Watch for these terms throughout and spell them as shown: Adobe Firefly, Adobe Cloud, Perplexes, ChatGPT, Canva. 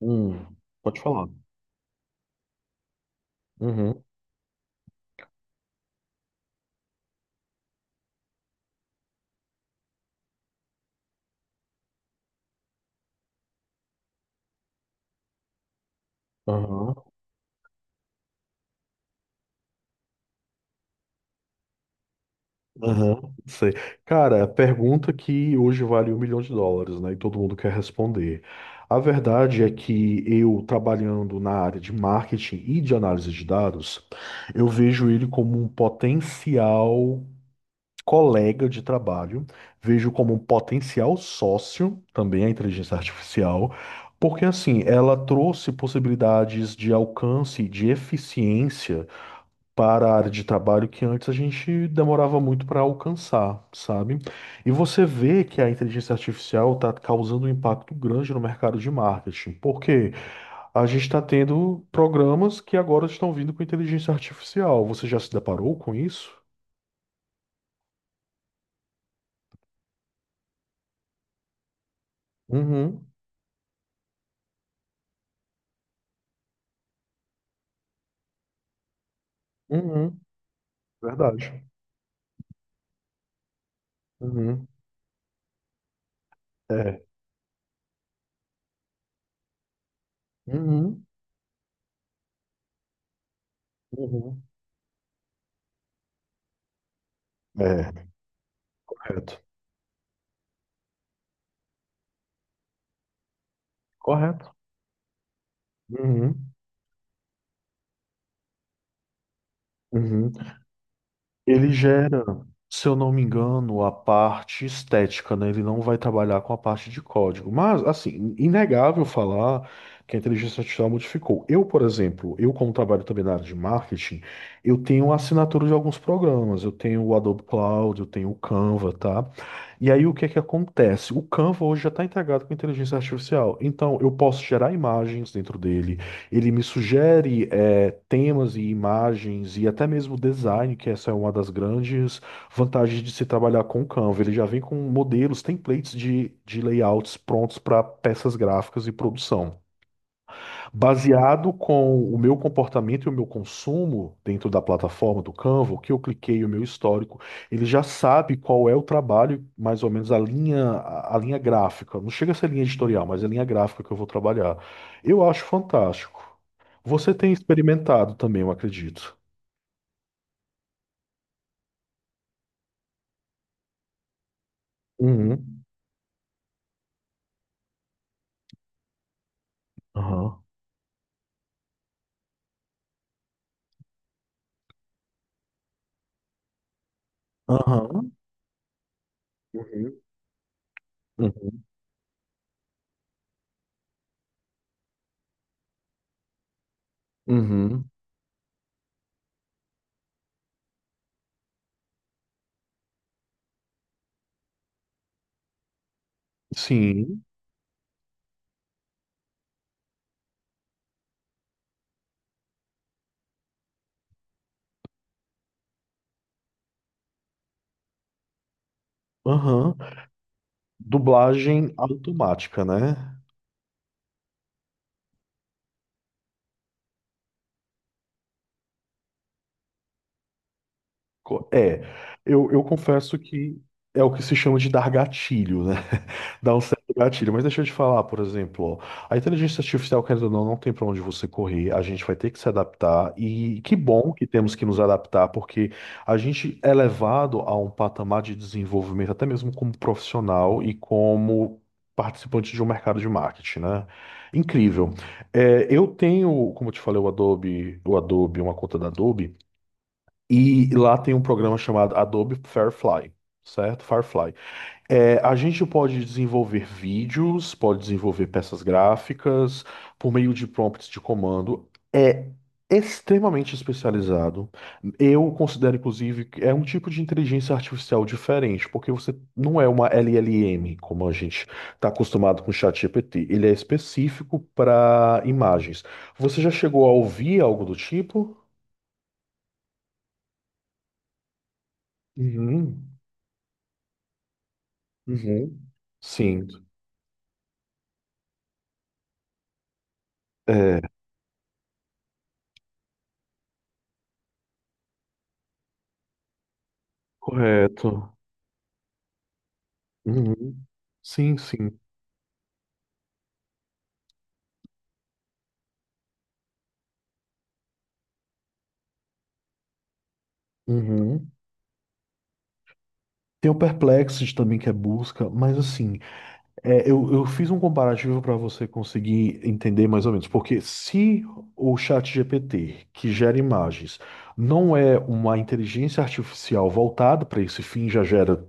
Hum, pode falar. Uhum, aham, aham, sei. Cara, a pergunta que hoje vale 1 milhão de dólares, né? E todo mundo quer responder. A verdade é que eu, trabalhando na área de marketing e de análise de dados, eu vejo ele como um potencial colega de trabalho, vejo como um potencial sócio, também a inteligência artificial, porque assim, ela trouxe possibilidades de alcance, e de eficiência para a área de trabalho que antes a gente demorava muito para alcançar, sabe? E você vê que a inteligência artificial está causando um impacto grande no mercado de marketing, porque a gente está tendo programas que agora estão vindo com inteligência artificial. Você já se deparou com isso? Uhum, uhum, verdade. Uhum, é. Uhum, uhum. É, correto. Correto. Uhum, uhum. Ele gera, se eu não me engano, a parte estética, né? Ele não vai trabalhar com a parte de código. Mas, assim, inegável falar que a inteligência artificial modificou. Eu, por exemplo, eu como trabalho também na área de marketing, eu tenho assinatura de alguns programas. Eu tenho o Adobe Cloud, eu tenho o Canva, tá? E aí, o que é que acontece? O Canva hoje já está integrado com a inteligência artificial. Então, eu posso gerar imagens dentro dele, ele me sugere temas e imagens e até mesmo design, que essa é uma das grandes vantagens de se trabalhar com o Canva. Ele já vem com modelos, templates de layouts prontos para peças gráficas e produção. Baseado com o meu comportamento e o meu consumo dentro da plataforma do Canva, o que eu cliquei, o meu histórico, ele já sabe qual é o trabalho, mais ou menos a linha, a linha gráfica. Não chega a ser linha editorial, mas é a linha gráfica que eu vou trabalhar. Eu acho fantástico. Você tem experimentado também, eu acredito. Uhum. Aham. Aham. Uhum. Uhum. Uhum. Sim. Aham. Dublagem automática, né? É, eu confesso que é o que se chama de dar gatilho, né? Dar um certo gatilho. Mas deixa eu te falar, por exemplo, ó, a inteligência artificial, querendo ou não, não tem para onde você correr, a gente vai ter que se adaptar. E que bom que temos que nos adaptar, porque a gente é levado a um patamar de desenvolvimento, até mesmo como profissional e como participante de um mercado de marketing, né? Incrível. É, eu tenho, como eu te falei, o Adobe, uma conta da Adobe. E lá tem um programa chamado Adobe Firefly, certo? Firefly. É, a gente pode desenvolver vídeos, pode desenvolver peças gráficas por meio de prompts de comando. É extremamente especializado. Eu considero, inclusive, que é um tipo de inteligência artificial diferente, porque você não é uma LLM, como a gente está acostumado com o ChatGPT. Ele é específico para imagens. Você já chegou a ouvir algo do tipo? Uhum. Uhum. Sim. É, correto. Uhum. Sim, sim. Uhum. Tem o Perplexes também que é busca, mas assim, eu fiz um comparativo para você conseguir entender mais ou menos, porque se o ChatGPT, que gera imagens, não é uma inteligência artificial voltada para esse fim, já gera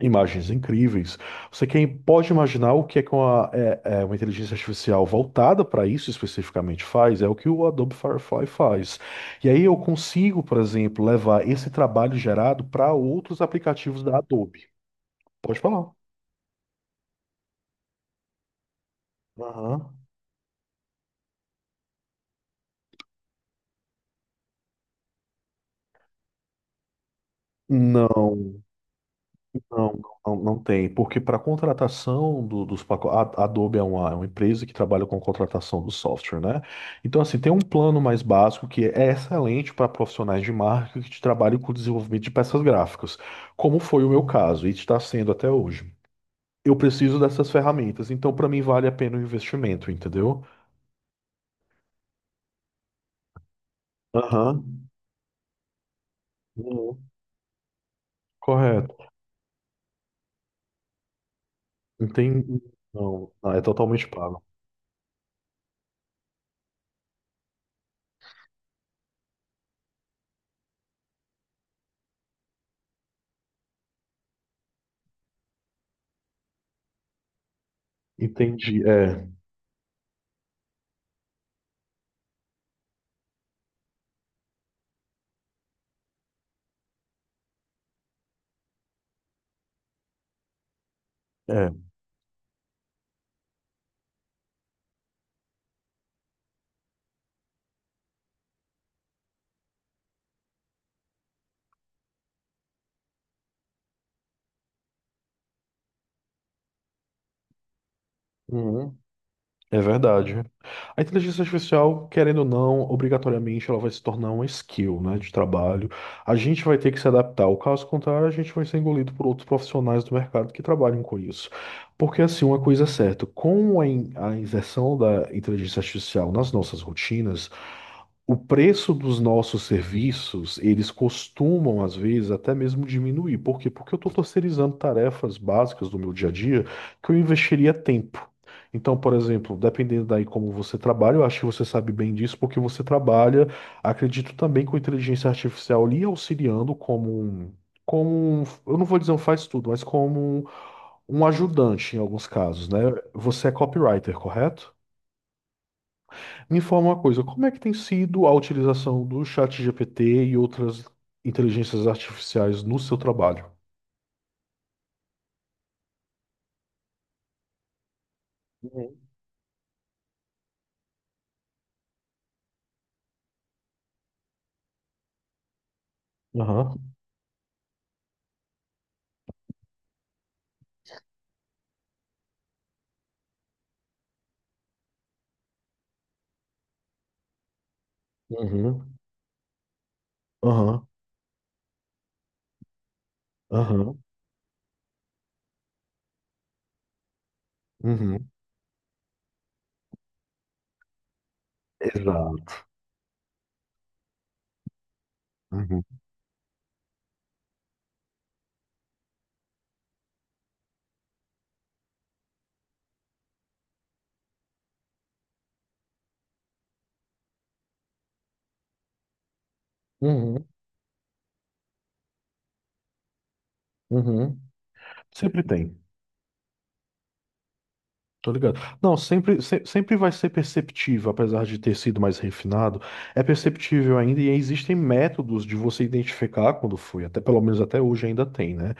imagens incríveis. Você quem pode imaginar o que é que uma, é uma inteligência artificial voltada para isso especificamente faz, é o que o Adobe Firefly faz. E aí eu consigo, por exemplo, levar esse trabalho gerado para outros aplicativos da Adobe. Pode falar. Aham. Não. Não, não, não tem, porque para contratação dos pacotes, a Adobe é uma empresa que trabalha com contratação do software, né? Então, assim, tem um plano mais básico que é excelente para profissionais de marketing que trabalham com o desenvolvimento de peças gráficas, como foi o meu caso e está sendo até hoje. Eu preciso dessas ferramentas, então para mim vale a pena o investimento, entendeu? Aham. Uhum. Correto. Entendi. Não, não, é totalmente pago. Entendi. É, é. Uhum. É verdade. A inteligência artificial, querendo ou não, obrigatoriamente ela vai se tornar uma skill, né, de trabalho. A gente vai ter que se adaptar. O caso contrário, a gente vai ser engolido por outros profissionais do mercado que trabalham com isso. Porque assim, uma coisa é certa, com a inserção da inteligência artificial nas nossas rotinas, o preço dos nossos serviços, eles costumam, às vezes, até mesmo diminuir. Por quê? Porque eu estou terceirizando tarefas básicas do meu dia a dia que eu investiria tempo. Então, por exemplo, dependendo daí como você trabalha, eu acho que você sabe bem disso, porque você trabalha, acredito também com inteligência artificial lhe auxiliando como um, eu não vou dizer um faz tudo, mas como um ajudante em alguns casos, né? Você é copywriter, correto? Me informa uma coisa, como é que tem sido a utilização do chat GPT e outras inteligências artificiais no seu trabalho? Uhum. Aham, uhum, aham, aham, uhum, exato. Uhum, uhum, uhum. Sempre tem, tô ligado. Não, sempre, sempre vai ser perceptível, apesar de ter sido mais refinado, é perceptível ainda e existem métodos de você identificar quando foi, até pelo menos até hoje ainda tem, né?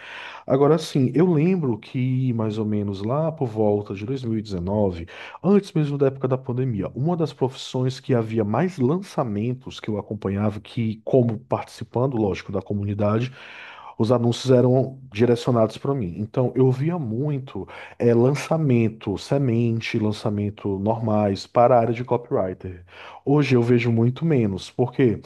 Agora sim, eu lembro que mais ou menos lá por volta de 2019, antes mesmo da época da pandemia, uma das profissões que havia mais lançamentos que eu acompanhava, que como participando, lógico, da comunidade, os anúncios eram direcionados para mim. Então eu via muito lançamento semente, lançamento normais para a área de copywriter. Hoje eu vejo muito menos. Por quê?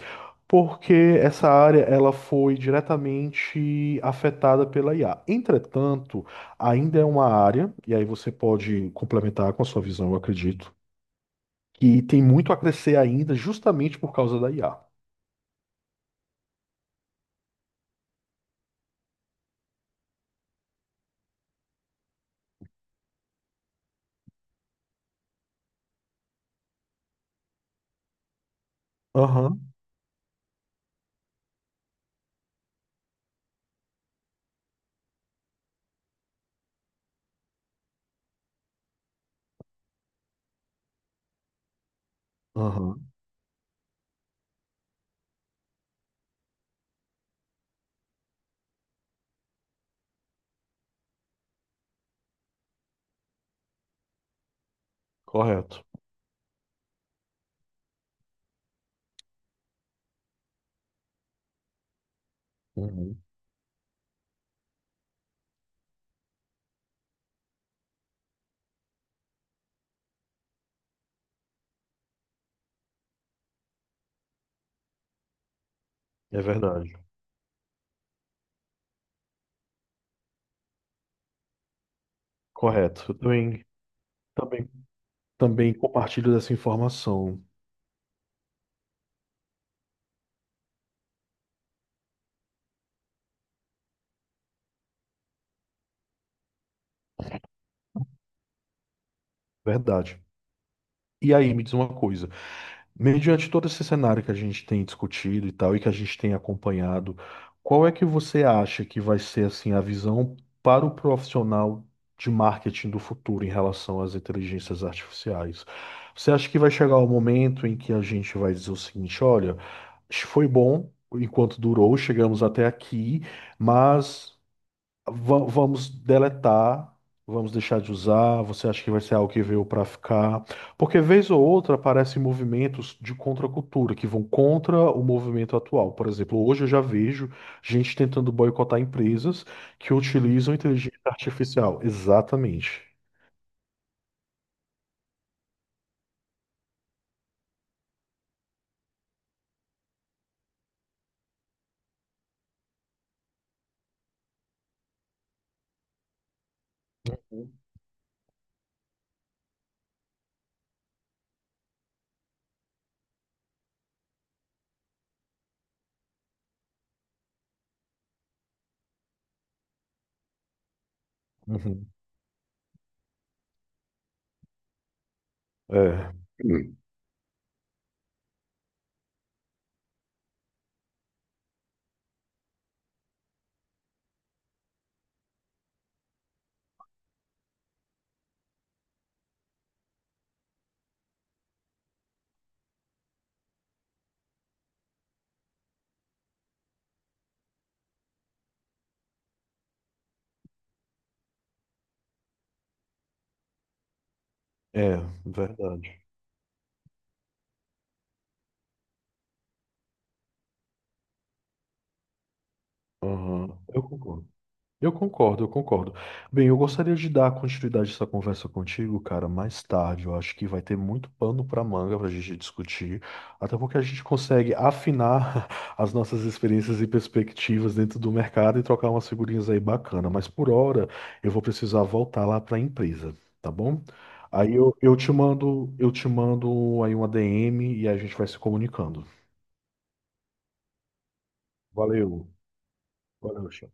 Porque essa área ela foi diretamente afetada pela IA. Entretanto, ainda é uma área, e aí você pode complementar com a sua visão, eu acredito, que tem muito a crescer ainda justamente por causa da IA. Aham, aham, correto. Uhum, é verdade. Correto. Eu também, também compartilho dessa informação. Verdade. E aí, me diz uma coisa. Mediante todo esse cenário que a gente tem discutido e tal, e que a gente tem acompanhado, qual é que você acha que vai ser assim a visão para o profissional de marketing do futuro em relação às inteligências artificiais? Você acha que vai chegar o momento em que a gente vai dizer o seguinte, olha, foi bom enquanto durou, chegamos até aqui, mas vamos deletar, vamos deixar de usar. Você acha que vai ser algo que veio para ficar? Porque vez ou outra aparecem movimentos de contracultura que vão contra o movimento atual. Por exemplo, hoje eu já vejo gente tentando boicotar empresas que utilizam inteligência artificial. Exatamente. Uhum. É. Hum. É, verdade. Aham, eu concordo. Eu concordo, eu concordo. Bem, eu gostaria de dar continuidade a essa conversa contigo, cara, mais tarde. Eu acho que vai ter muito pano para manga para a gente discutir, até porque a gente consegue afinar as nossas experiências e perspectivas dentro do mercado e trocar umas figurinhas aí bacana. Mas por hora, eu vou precisar voltar lá para a empresa, tá bom? Aí eu te mando aí uma DM e a gente vai se comunicando. Valeu, valeu, chefe.